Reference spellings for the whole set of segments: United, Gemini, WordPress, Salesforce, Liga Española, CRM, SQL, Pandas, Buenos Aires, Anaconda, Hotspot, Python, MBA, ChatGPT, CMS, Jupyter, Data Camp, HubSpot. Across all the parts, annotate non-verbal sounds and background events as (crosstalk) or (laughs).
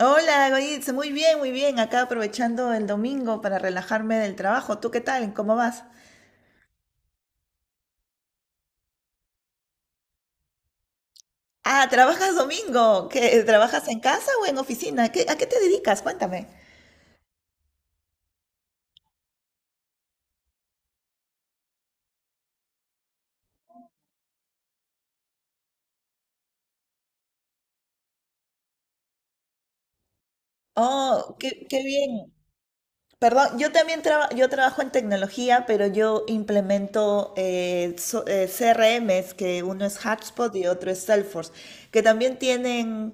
Hola, Goritz, muy bien, muy bien. Acá aprovechando el domingo para relajarme del trabajo. ¿Tú qué tal? ¿Cómo vas? Ah, ¿trabajas domingo? ¿Qué, trabajas en casa o en oficina? ¿A qué te dedicas? Cuéntame. Oh, qué, qué bien. Perdón, yo también yo trabajo en tecnología, pero yo implemento CRMs, que uno es Hotspot y otro es Salesforce, que también tienen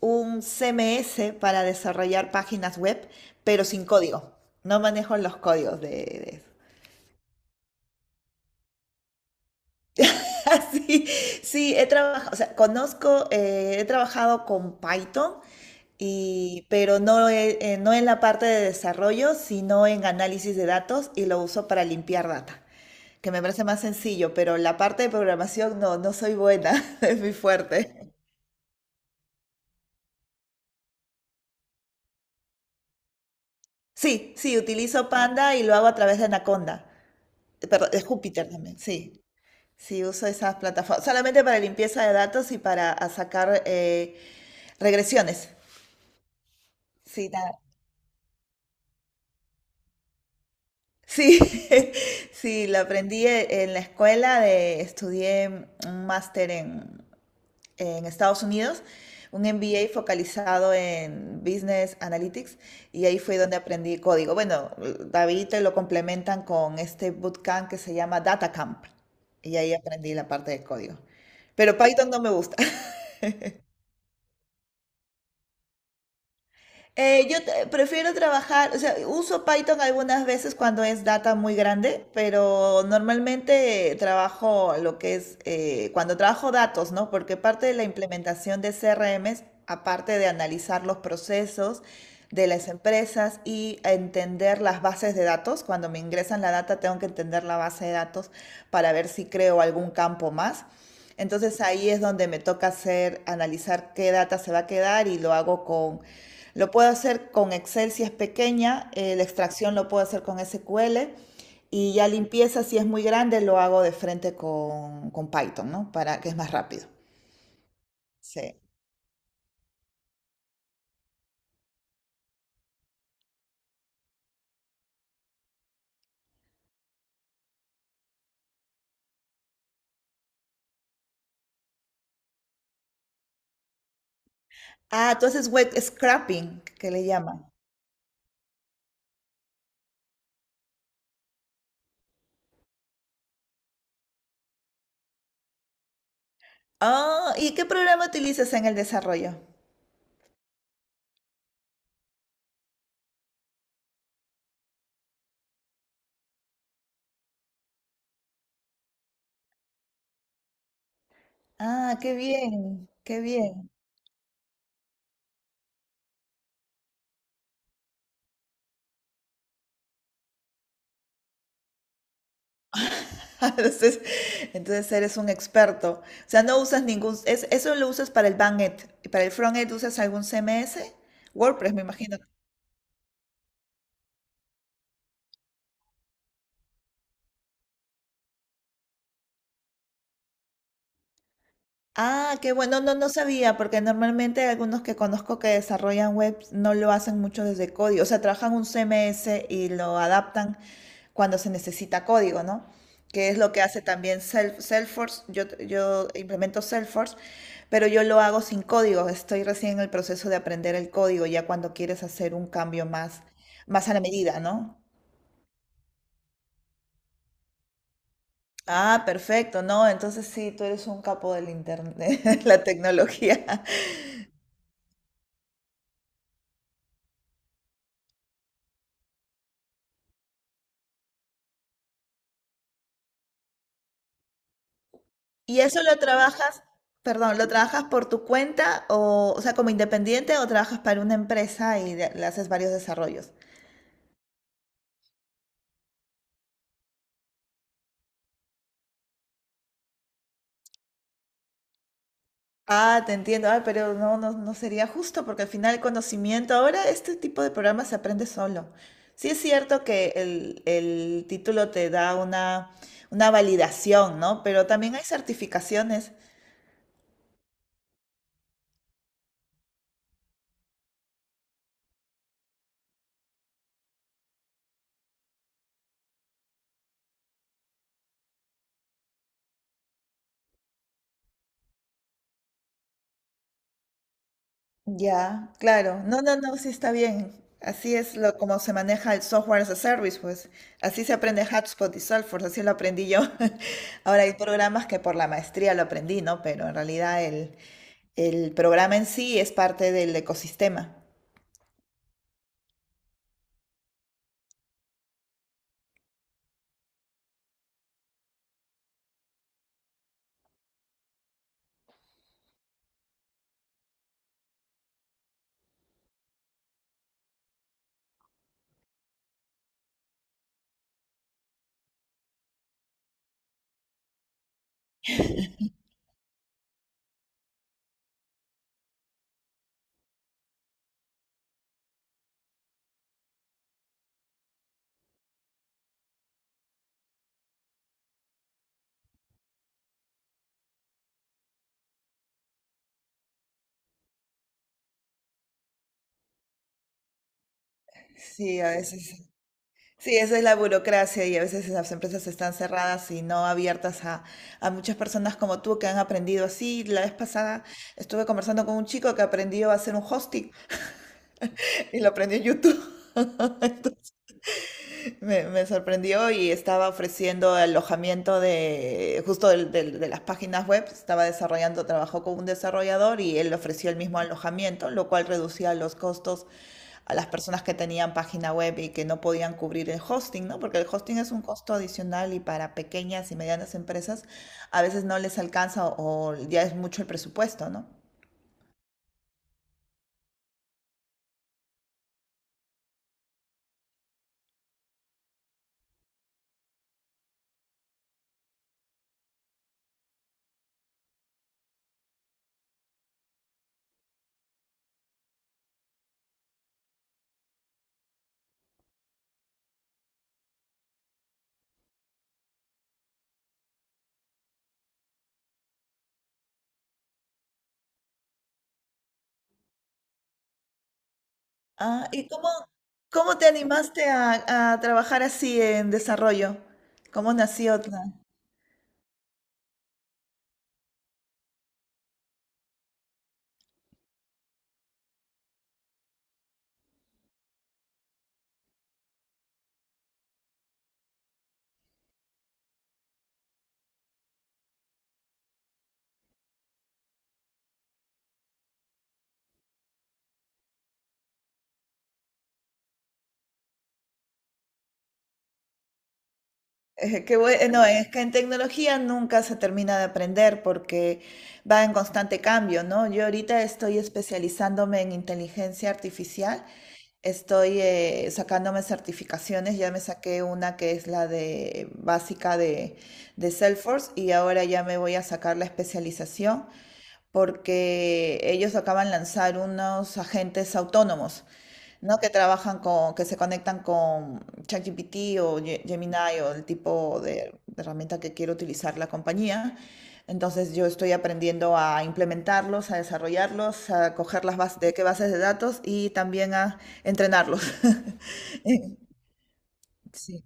un CMS para desarrollar páginas web, pero sin código. No manejo los códigos de. (laughs) Sí, sí, he trabajado, o sea, conozco, he trabajado con Python, y, pero no, no en la parte de desarrollo, sino en análisis de datos y lo uso para limpiar data, que me parece más sencillo, pero la parte de programación no, no soy buena, (laughs) es muy fuerte. Sí, sí, utilizo Panda y lo hago a través de Anaconda, perdón, de Júpiter también, sí. Sí, uso esas plataformas, solamente para limpieza de datos y para a sacar regresiones. Sí, nada. Sí, (laughs) sí, lo aprendí en la escuela, de, estudié un máster en Estados Unidos, un MBA focalizado en Business Analytics y ahí fue donde aprendí código. Bueno, David te lo complementan con este bootcamp que se llama Data Camp y ahí aprendí la parte de código. Pero Python no me gusta. Yo prefiero trabajar, o sea, uso Python algunas veces cuando es data muy grande, pero normalmente trabajo lo que es, cuando trabajo datos, ¿no? Porque parte de la implementación de CRMs, aparte de analizar los procesos de las empresas y entender las bases de datos, cuando me ingresan la data tengo que entender la base de datos para ver si creo algún campo más. Entonces ahí es donde me toca hacer, analizar qué data se va a quedar y lo hago con, lo puedo hacer con Excel si es pequeña, la extracción lo puedo hacer con SQL y ya limpieza si es muy grande lo hago de frente con Python, ¿no? Para que es más rápido. Sí. Ah, tú haces web scrapping, que le llaman. Ah, ¿y qué programa utilizas en el desarrollo? Ah, qué bien, qué bien. (laughs) Entonces, entonces eres un experto. O sea, no usas ningún, eso lo usas para el backend y para el frontend usas algún CMS, WordPress, me imagino. Ah, qué bueno, no, no sabía, porque normalmente hay algunos que conozco que desarrollan webs no lo hacen mucho desde código, o sea, trabajan un CMS y lo adaptan cuando se necesita código, ¿no? Que es lo que hace también Salesforce, yo implemento Salesforce, pero yo lo hago sin código, estoy recién en el proceso de aprender el código, ya cuando quieres hacer un cambio más, más a la medida, ¿no? Ah, perfecto, no, entonces sí, tú eres un capo del internet, (laughs) la tecnología. ¿Y eso lo trabajas, perdón, lo trabajas por tu cuenta o sea, como independiente o trabajas para una empresa y le haces varios desarrollos? Ah, te entiendo, ah, pero no, no, no sería justo porque al final el conocimiento, ahora este tipo de programas se aprende solo. Sí es cierto que el título te da una validación, ¿no? Pero también hay certificaciones. Ya, claro. No, no, no, sí está bien. Así es lo, como se maneja el software as a service, pues. Así se aprende HubSpot y Salesforce, así lo aprendí yo. (laughs) Ahora hay programas que por la maestría lo aprendí, ¿no? Pero en realidad el programa en sí es parte del ecosistema. Sí, a veces. Sí, esa es la burocracia y a veces las empresas están cerradas y no abiertas a muchas personas como tú que han aprendido así. La vez pasada estuve conversando con un chico que aprendió a hacer un hosting (laughs) y lo aprendió en YouTube. Me sorprendió y estaba ofreciendo alojamiento de, justo de, las páginas web, estaba desarrollando, trabajó con un desarrollador y él ofreció el mismo alojamiento, lo cual reducía los costos a las personas que tenían página web y que no podían cubrir el hosting, ¿no? Porque el hosting es un costo adicional y para pequeñas y medianas empresas a veces no les alcanza o ya es mucho el presupuesto, ¿no? Ah, ¿y cómo, cómo te animaste a trabajar así en desarrollo? ¿Cómo nació? No, es que en tecnología nunca se termina de aprender porque va en constante cambio, ¿no? Yo ahorita estoy especializándome en inteligencia artificial, estoy sacándome certificaciones, ya me saqué una que es la de básica de Salesforce y ahora ya me voy a sacar la especialización porque ellos acaban de lanzar unos agentes autónomos, ¿no? Que trabajan con, que se conectan con ChatGPT o Gemini o el tipo de herramienta que quiere utilizar la compañía. Entonces yo estoy aprendiendo a implementarlos, a desarrollarlos, a coger las bases de qué bases de datos y también a entrenarlos. (laughs) Sí.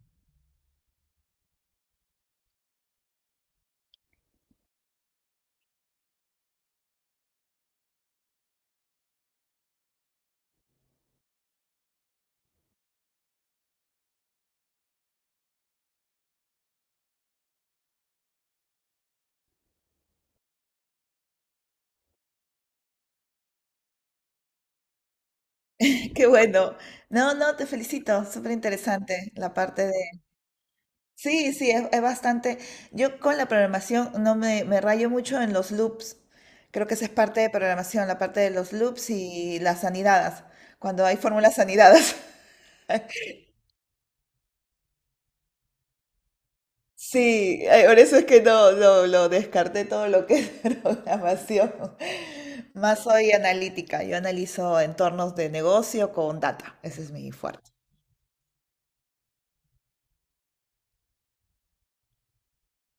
Qué bueno. No, no, te felicito. Súper interesante la parte. Sí, sí, es bastante. Yo con la programación no me, me rayo mucho en los loops. Creo que esa es parte de programación, la parte de los loops y las anidadas, cuando hay fórmulas anidadas. (laughs) Sí, por eso es que no, no, lo descarté todo lo que es (laughs) programación. Más soy analítica, yo analizo entornos de negocio con data, ese es mi fuerte.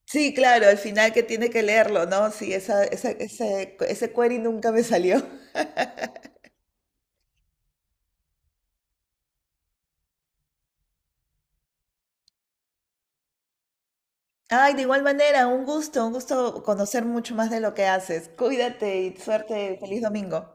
Sí, claro, al final que tiene que leerlo, ¿no? Sí, esa, ese query nunca me salió. Ay, de igual manera, un gusto conocer mucho más de lo que haces. Cuídate y suerte, feliz domingo.